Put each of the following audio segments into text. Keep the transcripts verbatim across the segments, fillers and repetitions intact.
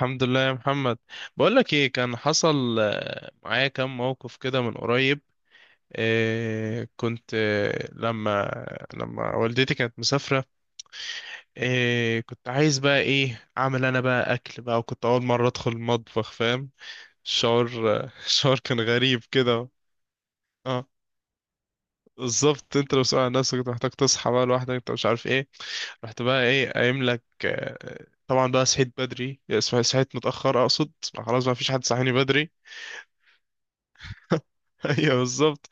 الحمد لله يا محمد. بقول لك ايه، كان حصل آه، معايا كام موقف كده من قريب. إيه، كنت آه، لما لما والدتي كانت مسافرة. إيه كنت عايز بقى ايه، اعمل انا بقى اكل بقى، وكنت اول مرة ادخل المطبخ، فاهم؟ الشعور آه، الشعور كان غريب كده. اه بالظبط. انت لو سؤال عن نفسك كنت محتاج تصحى بقى لوحدك، انت مش عارف ايه. رحت بقى ايه قايم لك، آه، طبعا بقى صحيت بدري. صحيت متأخر اقصد. خلاص ما فيش حد صحيني بدري. ايوه بالظبط.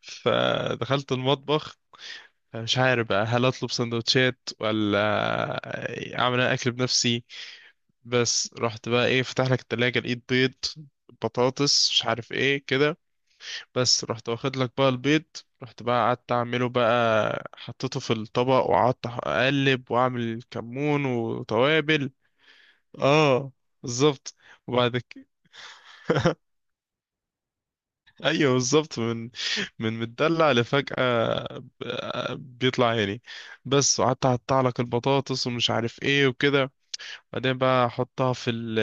فدخلت المطبخ. مش عارف بقى هل اطلب سندوتشات ولا اعمل انا اكل بنفسي. بس رحت بقى ايه فتح لك التلاجة، لقيت بيض، بطاطس، مش عارف ايه كده. بس رحت واخد لك بقى البيض. رحت بقى قعدت اعمله بقى، حطيته في الطبق وقعدت اقلب واعمل كمون وتوابل. اه بالظبط. وبعد كده. ايوه بالظبط. من من متدلع لفجأة. ب- بيطلع عيني بس. وقعدت اقطع لك البطاطس ومش عارف ايه وكده. بعدين بقى احطها في ال.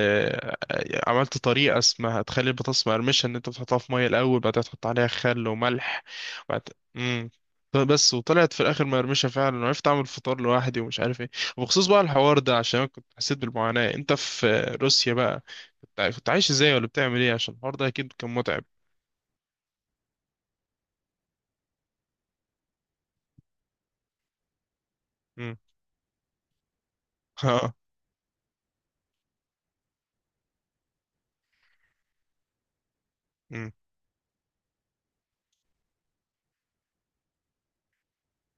عملت طريقة اسمها تخلي البطاطس مقرمشة، ان انت بتحطها في مية الاول بعدين تحط عليها خل وملح. وبعد. امم بس وطلعت في الاخر مقرمشة فعلا، وعرفت اعمل فطار لوحدي ومش عارف ايه. وبخصوص بقى الحوار ده، عشان أنا كنت حسيت بالمعاناة انت في روسيا بقى. كنت كنت عايش ازاي، ولا بتعمل ايه؟ عشان الحوار ده اكيد كان متعب. ها. مم.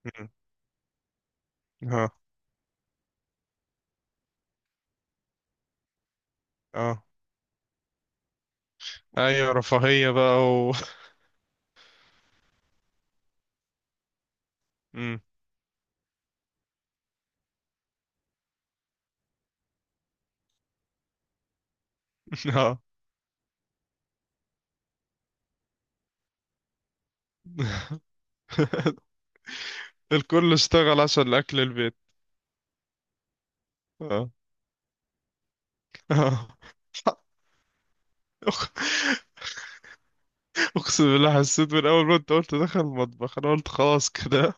مم. ها. اه. ايوه رفاهية بقى و. مم. ها. الكل اشتغل عشان اكل البيت. اه. اه. أق- اقسم بالله حسيت من اول ما انت قلت دخل المطبخ انا قلت خلاص كده.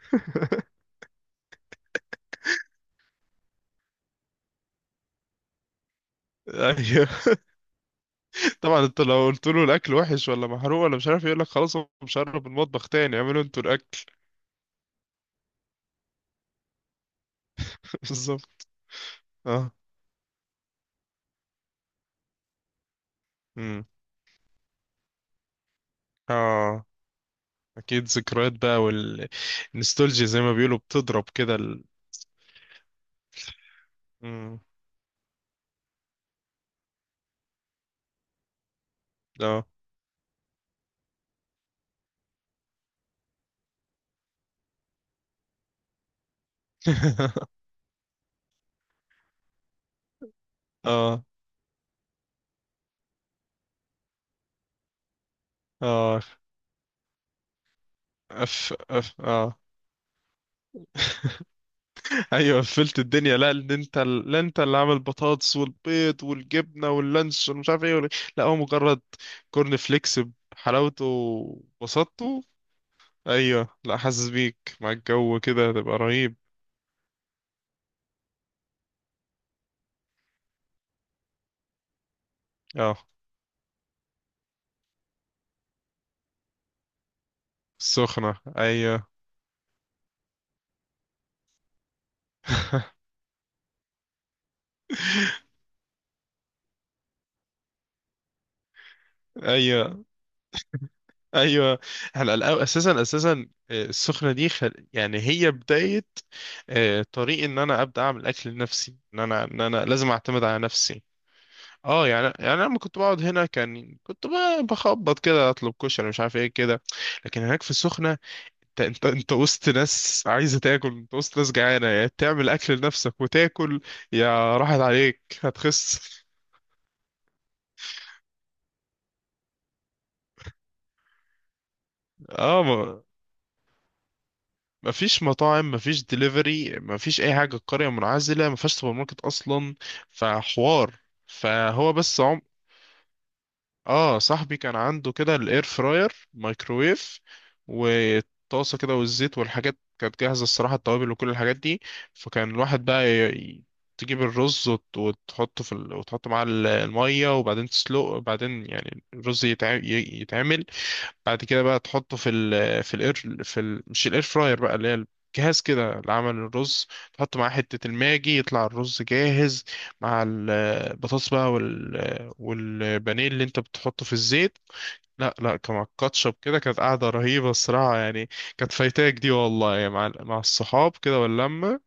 ايوه طبعا. انت لو قلت له الاكل وحش ولا محروق ولا مش عارف، يقول لك خلاص هو مش هقرب المطبخ تاني، اعملوا انتوا الاكل. بالظبط. اه. امم. اه اكيد ذكريات بقى، والنستولجيا زي ما بيقولوا بتضرب كده. امم. اه. اه. اه. أف أف اه. ايوه قفلت الدنيا. لا ان انت، لا انت اللي عامل بطاطس والبيض والجبنه واللانش ومش عارف ايه، ولا- لا هو مجرد كورن فليكس بحلاوته وبساطته. ايوه لا حاسس بيك مع الجو كده هتبقى رهيب. اه السخنه ايوه. ايوه ايوه. احنا الأو- اساسا اساسا، آه، السخنه دي خل... يعني هي بدايه آه، طريق ان انا ابدا اعمل اكل لنفسي، ان انا ان انا لازم اعتمد على نفسي. اه يعني يعني انا لما كنت بقعد هنا كان كنت ب- بخبط كده اطلب كشري مش عارف ايه كده. لكن هناك في السخنه، انت انت انت وسط ناس عايزه تاكل، انت وسط ناس جعانه، يا تعمل اكل لنفسك وتاكل، يا راحت عليك هتخس. اه مفيش مطاعم، مفيش دليفري، مفيش اي حاجه، القريه منعزله مفيهاش سوبر ماركت اصلا. فحوار. فهو بس عم. اه صاحبي كان عنده كده الاير فراير، مايكرويف، وطاسه كده والزيت، والحاجات كانت جاهزه الصراحه التوابل وكل الحاجات دي. فكان الواحد بقى ي... ي- تجيب الرز وت- وتحطه في ال... وتحط معاه ال- الميه وبعدين تسلقه وبعدين يعني الرز يتع... ي- يتعمل. بعد كده بقى تحطه في ال في الاير في ال مش الاير فراير بقى، اللي هي الجهاز كده لعمل الرز. تحط معاه حتة الماجي يطلع الرز جاهز، مع البطاطس بقى، وال والبانيه اللي انت بتحطه في الزيت. لا لا، كان مع الكاتشب كده كانت قاعدة رهيبة الصراحة يعني. كانت فايتاك دي والله يعني مع مع الصحاب كده واللمة.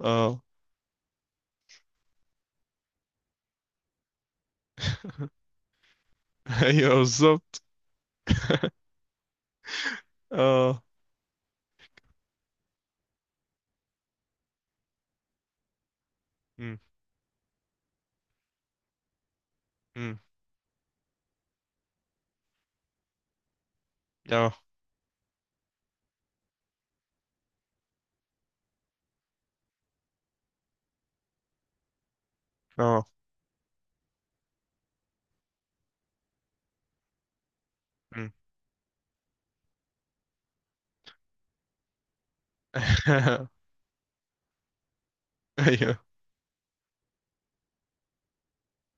اه. ايوه بالظبط. اه. امم. امم. اه. اه. امم. ايوه.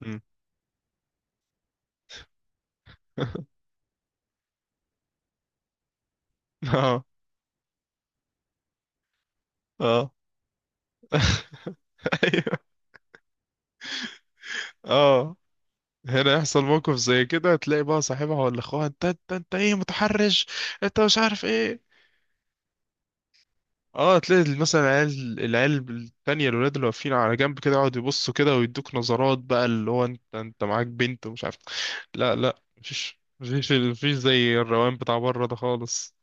امم. اه. اه. ايوه. اه. هنا يحصل موقف زي كده تلاقي بقى صاحبها ولا اخوها، انت انت انت ايه؟ متحرش؟ انت مش عارف ايه. اه تلاقي مثلا العيال العيال التانية، الولاد اللي واقفين على جنب كده يقعدوا يبصوا كده ويدوك نظرات بقى، اللي هو انت انت معاك بنت ومش عارف. لا لا مفيش مفيش مفيش زي الروان بتاع بره ده خالص.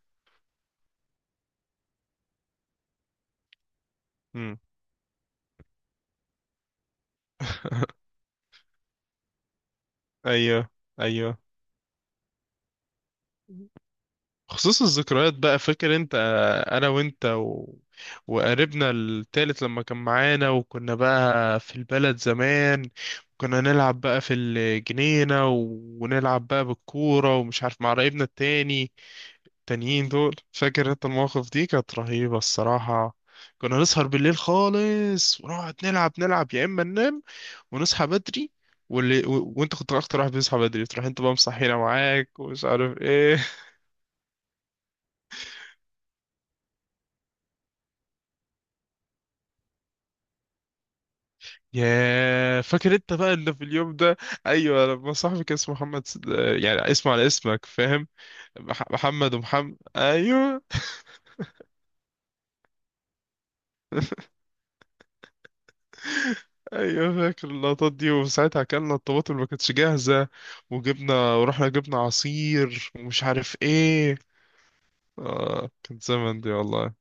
امم. ايوه ايوه. خصوص الذكريات بقى، فاكر انت آه، انا وانت و... وقريبنا التالت لما كان معانا، وكنا بقى في البلد زمان، كنا نلعب بقى في الجنينة و- ونلعب بقى بالكورة ومش عارف، مع قرايبنا التاني التانيين دول. فاكر انت المواقف دي كانت رهيبة الصراحة. كنا نسهر بالليل خالص ونقعد نلعب نلعب، يا اما ننام ونصحى بدري. واللي و... وانت كنت اكتر واحد بيصحى بدري، تروح انت بقى مصحينا معاك ومش عارف ايه. يا فاكر انت بقى اللي في اليوم ده. ايوه لما صاحبي كان اسمه محمد س- يعني اسمه على اسمك فاهم. مح- محمد ومحمد ايوه. ايوه فاكر اللقطات دي، وساعتها اكلنا الطماطم اللي ما كانتش جاهزه، وجبنا ورحنا جبنا عصير ومش عارف ايه. اه كان زمن دي والله.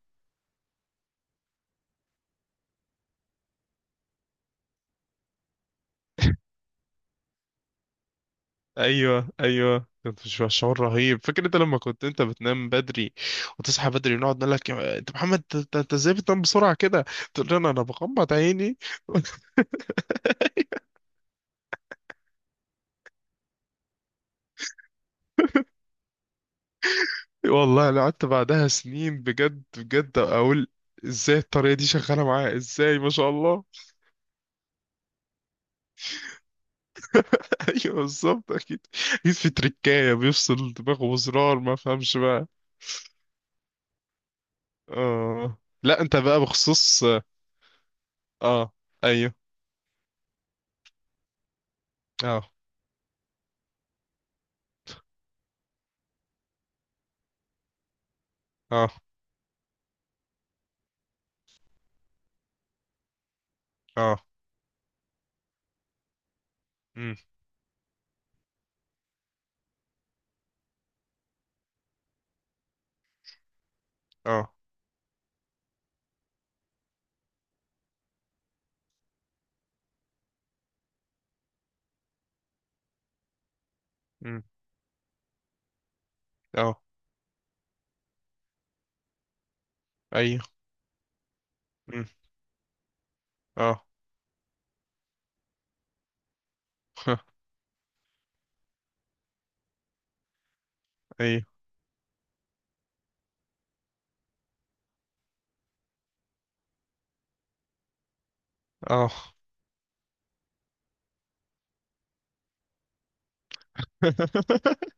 ايوه ايوه كنت في شعور رهيب. فاكر انت لما كنت انت بتنام بدري وتصحى بدري ونقعد نقول لك يا- انت محمد، انت انت ازاي بتنام بسرعه كده؟ تقول لنا انا بغمض عيني. والله انا قعدت بعدها سنين بجد بجد اقول ازاي الطريقه دي شغاله معاه، ازاي ما شاء الله. ايوه بالظبط اكيد اكيد. في تركايه بيفصل دماغه بزرار، ما فهمش بقى. اه لا انت بقى بخصوص. اه. ايوه. اه. اه. اه. امم. اه. امم. اه. ايوه. امم. اه. ايوه. اه.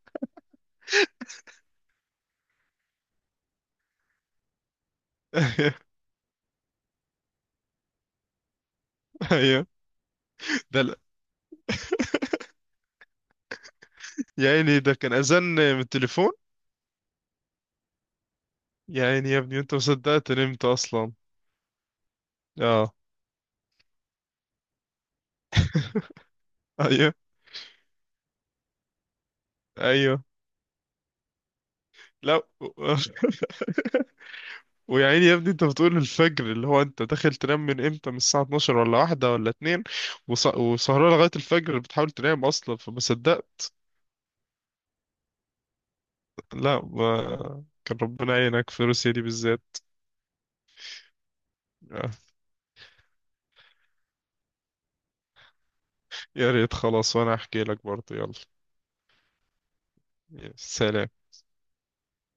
ايوه ايوه. ده لا. يا عيني ده كان اذان من التليفون. يا عيني يا ابني انت ما صدقت نمت اصلا. اه. ايوه ايوه. لا و- ويا عيني يا ابني انت بتقول الفجر، اللي هو انت داخل تنام من امتى؟ من الساعه اتناشر ولا واحدة ولا اتنين، وص... وسهران لغايه الفجر بتحاول تنام اصلا فما صدقت. لا ما... كان ربنا يعينك في روسيا دي بالذات. يا ريت خلاص وانا احكي لك برضه يلا. يا سلام.